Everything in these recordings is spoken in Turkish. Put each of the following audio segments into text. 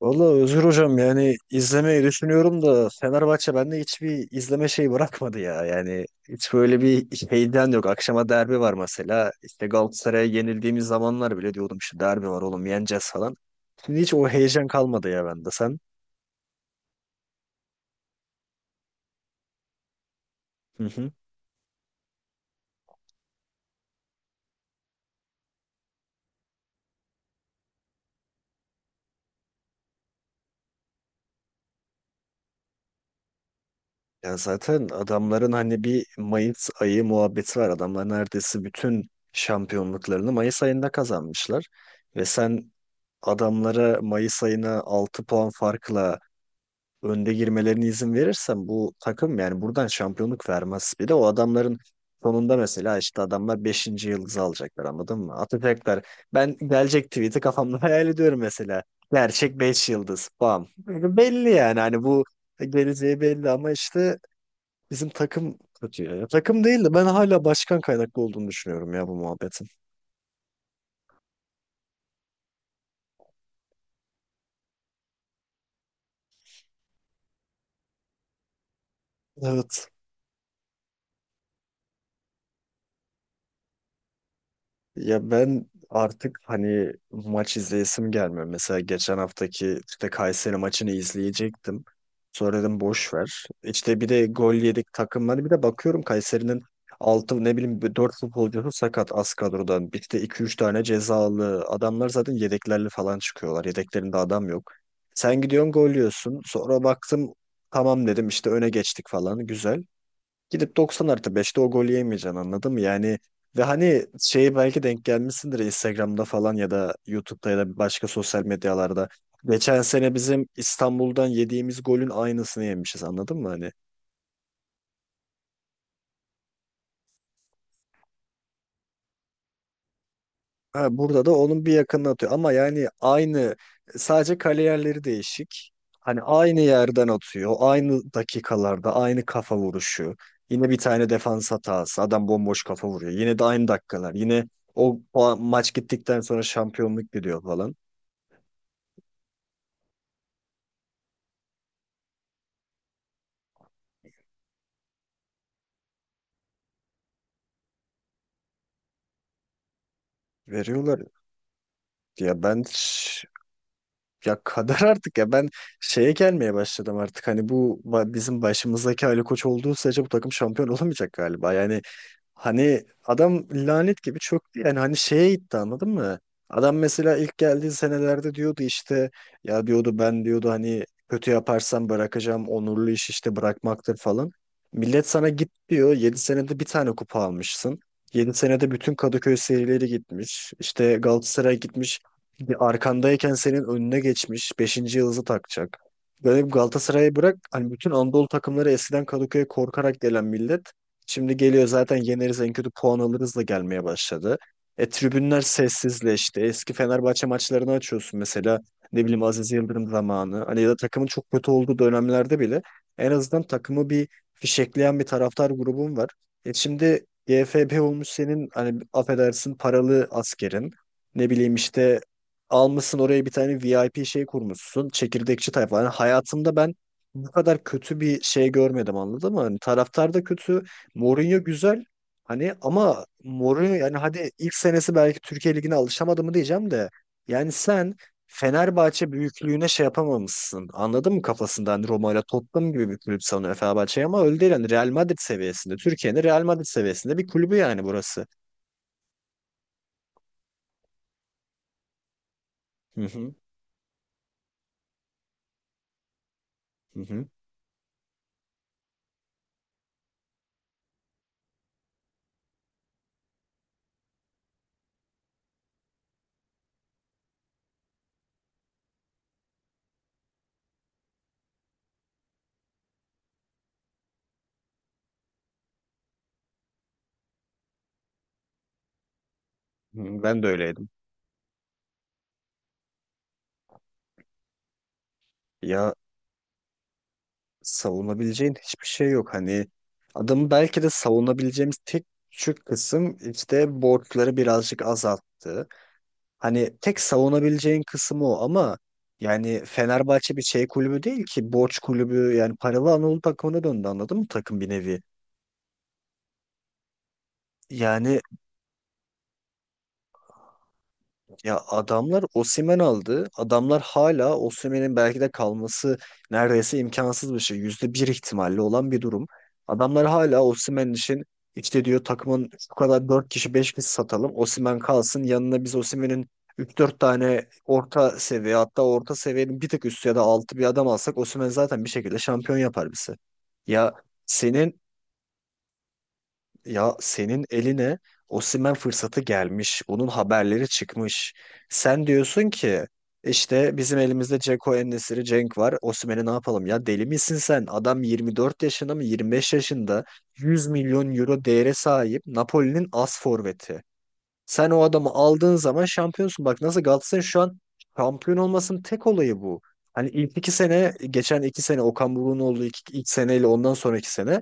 Valla Özgür Hocam yani izlemeyi düşünüyorum da Fenerbahçe bende hiçbir izleme şeyi bırakmadı ya. Yani hiç böyle bir şeyden yok. Akşama derbi var mesela. İşte Galatasaray'a yenildiğimiz zamanlar bile diyordum işte derbi var oğlum yeneceğiz falan. Şimdi hiç o heyecan kalmadı ya bende sen. Hı hı. Ya zaten adamların hani bir Mayıs ayı muhabbeti var. Adamlar neredeyse bütün şampiyonluklarını Mayıs ayında kazanmışlar. Ve sen adamlara Mayıs ayına 6 puan farkla önde girmelerine izin verirsen bu takım yani buradan şampiyonluk vermez. Bir de o adamların sonunda mesela işte adamlar beşinci yıldızı alacaklar anladın mı? Atacaklar. Ben gelecek tweet'i kafamda hayal ediyorum mesela. Gerçek 5 yıldız. Bam. Belli yani hani bu geleceği belli ama işte bizim takım kötü ya. Ya takım değil de ben hala başkan kaynaklı olduğunu düşünüyorum ya bu muhabbetin. Evet. Ya ben artık hani maç izleyesim gelmiyor. Mesela geçen haftaki işte Kayseri maçını izleyecektim. Sonra dedim boş ver. İşte bir de gol yedik takımları bir de bakıyorum Kayseri'nin 6 ne bileyim 4 futbolcusu sakat az kadrodan. Bir de iki üç tane cezalı. Adamlar zaten yedeklerle falan çıkıyorlar. Yedeklerinde adam yok. Sen gidiyorsun gol yiyorsun. Sonra baktım tamam dedim işte öne geçtik falan güzel. Gidip 90 artı 5'te o golü yemeyeceksin anladın mı? Yani ve hani şeyi belki denk gelmişsindir Instagram'da falan ya da YouTube'da ya da başka sosyal medyalarda. Geçen sene bizim İstanbul'dan yediğimiz golün aynısını yemişiz anladın mı? Hani. Ha, burada da onun bir yakınına atıyor. Ama yani aynı sadece kale yerleri değişik. Hani aynı yerden atıyor. Aynı dakikalarda aynı kafa vuruşu. Yine bir tane defans hatası. Adam bomboş kafa vuruyor. Yine de aynı dakikalar. Yine o maç gittikten sonra şampiyonluk gidiyor falan. Veriyorlar. Ya ben ş- Ya kadar artık ya ben şeye gelmeye başladım artık hani bu bizim başımızdaki Ali Koç olduğu sürece bu takım şampiyon olamayacak galiba. Yani hani adam lanet gibi çöktü yani hani şeye gitti anladın mı? Adam mesela ilk geldiği senelerde diyordu işte ya diyordu ben diyordu hani kötü yaparsam bırakacağım onurlu iş işte bırakmaktır falan. Millet sana git diyor 7 senede bir tane kupa almışsın. 7 senede bütün Kadıköy serileri gitmiş. İşte Galatasaray gitmiş. Bir arkandayken senin önüne geçmiş beşinci yıldızı takacak. Böyle bir Galatasaray'ı bırak. Hani bütün Anadolu takımları eskiden Kadıköy'e korkarak gelen millet. Şimdi geliyor zaten yeneriz en kötü puan alırız da gelmeye başladı. E tribünler sessizleşti. Eski Fenerbahçe maçlarını açıyorsun mesela. Ne bileyim Aziz Yıldırım zamanı. Hani ya da takımın çok kötü olduğu dönemlerde bile en azından takımı bir fişekleyen bir taraftar grubun var. E şimdi GFB olmuş senin hani affedersin paralı askerin. Ne bileyim işte almışsın oraya bir tane VIP şey kurmuşsun. Çekirdekçi tayfa. Yani hayatımda ben bu kadar kötü bir şey görmedim anladın mı? Hani taraftar da kötü. Mourinho güzel. Hani ama Mourinho yani hadi ilk senesi belki Türkiye Ligi'ne alışamadı mı diyeceğim de. Yani sen Fenerbahçe büyüklüğüne şey yapamamışsın. Anladın mı kafasında? Hani Roma ile Tottenham gibi bir kulüp sanıyor Fenerbahçe'yi ama öyle değil. Yani Real Madrid seviyesinde. Türkiye'nin Real Madrid seviyesinde bir kulübü yani burası. Hı hı, hı hı, hı. Ben de öyleydim. Ya savunabileceğin hiçbir şey yok. Hani adamı belki de savunabileceğimiz tek küçük kısım işte borçları birazcık azalttı. Hani tek savunabileceğin kısmı o ama yani Fenerbahçe bir şey kulübü değil ki borç kulübü yani paralı Anadolu takımına döndü anladın mı takım bir nevi. Yani. Ya adamlar Osimhen aldı. Adamlar hala Osimhen'in belki de kalması neredeyse imkansız bir şey. %1 ihtimalle olan bir durum. Adamlar hala Osimhen için işte diyor takımın şu kadar 4 kişi 5 kişi satalım. Osimhen kalsın. Yanına biz Osimhen'in üç dört tane orta seviye hatta orta seviyenin bir tık üstü ya da altı bir adam alsak Osimhen zaten bir şekilde şampiyon yapar bizi. Ya senin ya senin eline Osimhen fırsatı gelmiş. Bunun haberleri çıkmış. Sen diyorsun ki işte bizim elimizde Dzeko en Cenk var. Osimhen'i ne yapalım ya? Deli misin sen? Adam 24 yaşında mı 25 yaşında 100 milyon euro değere sahip Napoli'nin as forveti. Sen o adamı aldığın zaman şampiyonsun. Bak nasıl Galatasaray şu an şampiyon olmasının tek olayı bu. Hani ilk iki sene, geçen iki sene Okan Buruk'un olduğu ilk seneyle ondan sonraki sene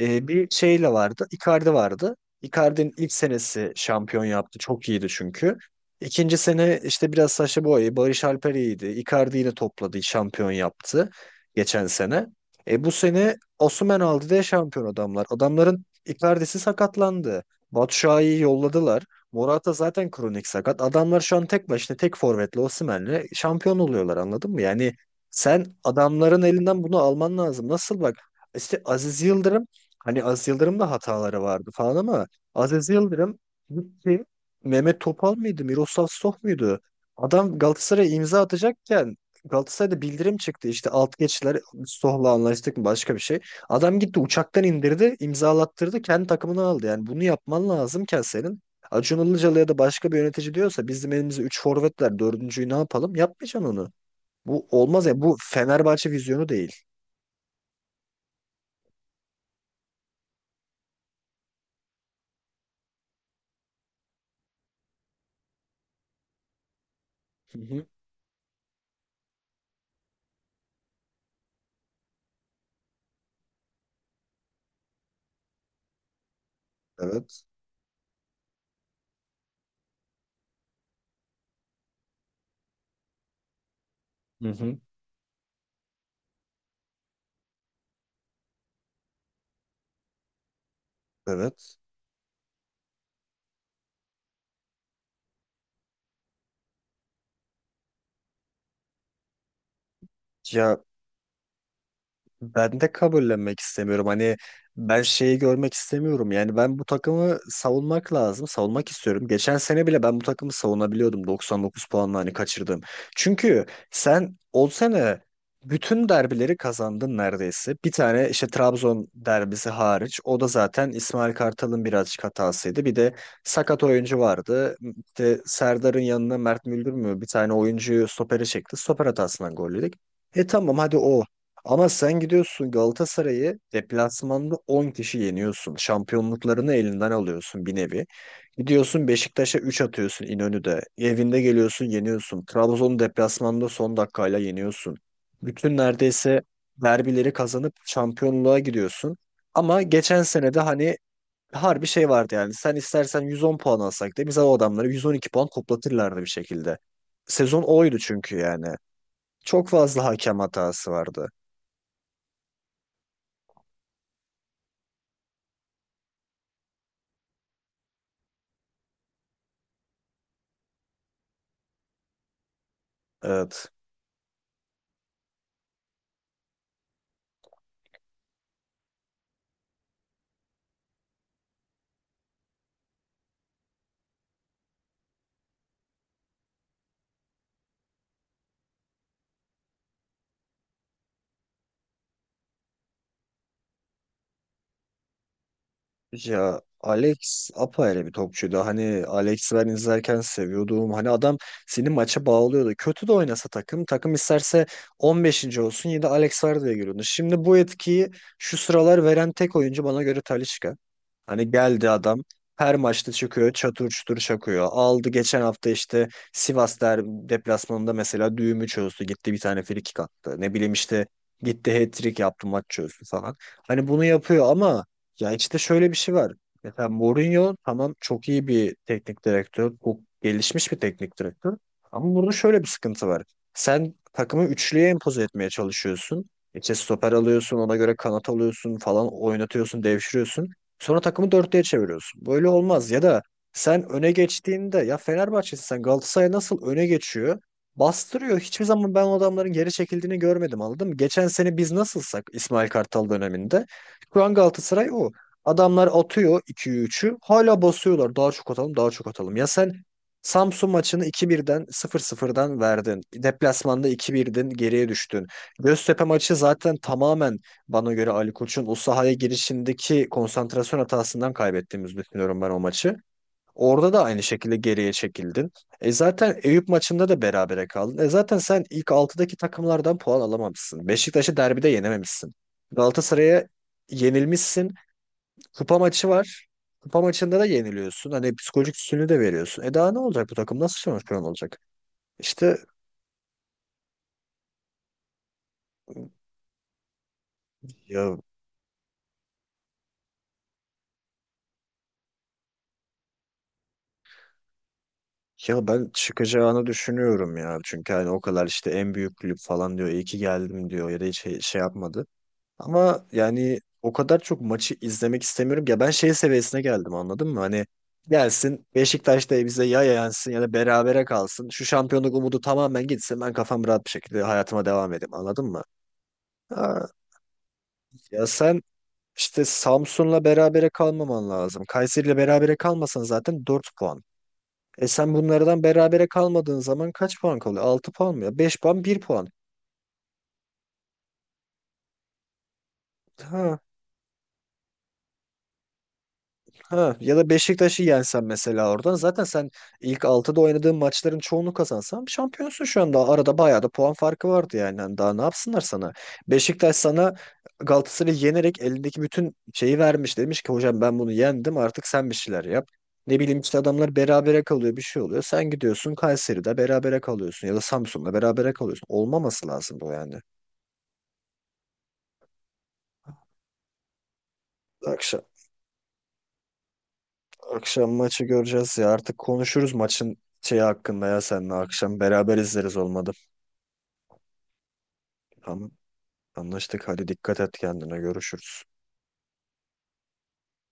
bir şeyle vardı. Icardi vardı. Icardi'nin ilk senesi şampiyon yaptı. Çok iyiydi çünkü. İkinci sene işte biraz Sacha Boey, Barış Alper iyiydi. Icardi yine topladı, şampiyon yaptı geçen sene. E, bu sene Osimhen aldı diye şampiyon adamlar. Adamların Icardi'si sakatlandı. Batshuayi'yi yolladılar. Morata zaten kronik sakat. Adamlar şu an tek başına tek forvetle Osimhen'le şampiyon oluyorlar anladın mı? Yani sen adamların elinden bunu alman lazım. Nasıl bak işte Aziz Yıldırım hani Aziz Yıldırım da hataları vardı falan ama Aziz Yıldırım gitti. Mehmet Topal mıydı? Miroslav Stoch muydu? Adam Galatasaray'a imza atacakken Galatasaray'da bildirim çıktı işte alt geçtiler Stoh'la anlaştık mı başka bir şey. Adam gitti uçaktan indirdi imzalattırdı kendi takımını aldı yani bunu yapman lazımken senin Acun Ilıcalı ya da başka bir yönetici diyorsa bizim elimizde 3 forvet var. Dördüncüyü ne yapalım? Yapmayacaksın onu. Bu olmaz ya. Bu Fenerbahçe vizyonu değil. Hı hı. Evet. Hı hı. Evet. Ya ben de kabullenmek istemiyorum. Hani ben şeyi görmek istemiyorum. Yani ben bu takımı savunmak lazım. Savunmak istiyorum. Geçen sene bile ben bu takımı savunabiliyordum 99 puanla hani kaçırdım. Çünkü sen o sene bütün derbileri kazandın neredeyse. Bir tane işte Trabzon derbisi hariç. O da zaten İsmail Kartal'ın birazcık hatasıydı. Bir de sakat oyuncu vardı. İşte Serdar'ın yanına Mert Müldür mü bir tane oyuncuyu stopere çekti. Stoper hatasından gol yedik. E tamam hadi o. Ama sen gidiyorsun Galatasaray'ı deplasmanda 10 kişi yeniyorsun. Şampiyonluklarını elinden alıyorsun bir nevi. Gidiyorsun Beşiktaş'a 3 atıyorsun İnönü'de. Evinde geliyorsun yeniyorsun. Trabzon'u deplasmanda son dakikayla yeniyorsun. Bütün neredeyse derbileri kazanıp şampiyonluğa gidiyorsun. Ama geçen sene de hani harbi şey vardı yani. Sen istersen 110 puan alsak da bize o adamları 112 puan toplatırlardı bir şekilde. Sezon oydu çünkü yani. Çok fazla hakem hatası vardı. Evet. Ya Alex apayrı bir topçuydu. Hani Alex'i ben izlerken seviyordum. Hani adam seni maça bağlıyordu. Kötü de oynasa takım. Takım isterse 15'inci olsun yine de Alex var diye görüyordu. Şimdi bu etkiyi şu sıralar veren tek oyuncu bana göre Talisca. Hani geldi adam her maçta çıkıyor çatır çutur çakıyor. Aldı geçen hafta işte Sivas deplasmanında mesela düğümü çözdü. Gitti bir tane frikik attı. Ne bileyim işte gitti hat-trick yaptı maç çözdü falan. Hani bunu yapıyor ama ya işte şöyle bir şey var. Mesela Mourinho tamam çok iyi bir teknik direktör. Çok gelişmiş bir teknik direktör. Ama burada şöyle bir sıkıntı var. Sen takımı üçlüye empoze etmeye çalışıyorsun. İşte stoper alıyorsun, ona göre kanat alıyorsun falan oynatıyorsun, devşiriyorsun. Sonra takımı dörtlüye çeviriyorsun. Böyle olmaz. Ya da sen öne geçtiğinde ya Fenerbahçe'sin sen Galatasaray nasıl öne geçiyor? Bastırıyor. Hiçbir zaman ben o adamların geri çekildiğini görmedim anladın mı? Geçen sene biz nasılsak İsmail Kartal döneminde şu an Galatasaray o. Adamlar atıyor 2'yi üçü, hala basıyorlar. Daha çok atalım, daha çok atalım. Ya sen Samsun maçını 2-1'i 0-0'dan verdin. Deplasmanda 2-1'den geriye düştün. Göztepe maçı zaten tamamen bana göre Ali Koç'un o sahaya girişindeki konsantrasyon hatasından kaybettiğimizi düşünüyorum ben o maçı. Orada da aynı şekilde geriye çekildin. E zaten Eyüp maçında da berabere kaldın. E zaten sen ilk altıdaki takımlardan puan alamamışsın. Beşiktaş'ı derbide yenememişsin. Galatasaray'a yenilmişsin. Kupa maçı var. Kupa maçında da yeniliyorsun. Hani psikolojik üstünlüğü de veriyorsun. E daha ne olacak bu takım? Nasıl şampiyon olacak? İşte ya ya ben çıkacağını düşünüyorum ya. Çünkü hani o kadar işte en büyük kulüp falan diyor. İyi ki geldim diyor. Ya da hiç şey yapmadı. Ama yani o kadar çok maçı izlemek istemiyorum ki. Ya ben şey seviyesine geldim anladın mı? Hani gelsin Beşiktaş da bize ya yansın ya da berabere kalsın. Şu şampiyonluk umudu tamamen gitsin. Ben kafam rahat bir şekilde hayatıma devam edeyim anladın mı? Ha, ya sen işte Samsun'la berabere kalmaman lazım. Kayseri'yle berabere kalmasan zaten 4 puan. E sen bunlardan berabere kalmadığın zaman kaç puan kalıyor? Altı puan mı ya? Beş puan bir puan. Ha, ha, ya da Beşiktaş'ı yensen mesela oradan zaten sen ilk altıda oynadığın maçların çoğunu kazansan şampiyonsun şu anda. Arada bayağı da puan farkı vardı yani. Hani daha ne yapsınlar sana? Beşiktaş sana Galatasaray'ı yenerek elindeki bütün şeyi vermiş. Demiş ki hocam ben bunu yendim artık sen bir şeyler yap. Ne bileyim işte adamlar berabere kalıyor bir şey oluyor. Sen gidiyorsun Kayseri'de berabere kalıyorsun ya da Samsun'da berabere kalıyorsun. Olmaması lazım bu yani. Akşam. Akşam maçı göreceğiz ya. Artık konuşuruz maçın şeyi hakkında ya seninle akşam. Beraber izleriz olmadı. Tamam. Anlaştık. Hadi dikkat et kendine. Görüşürüz.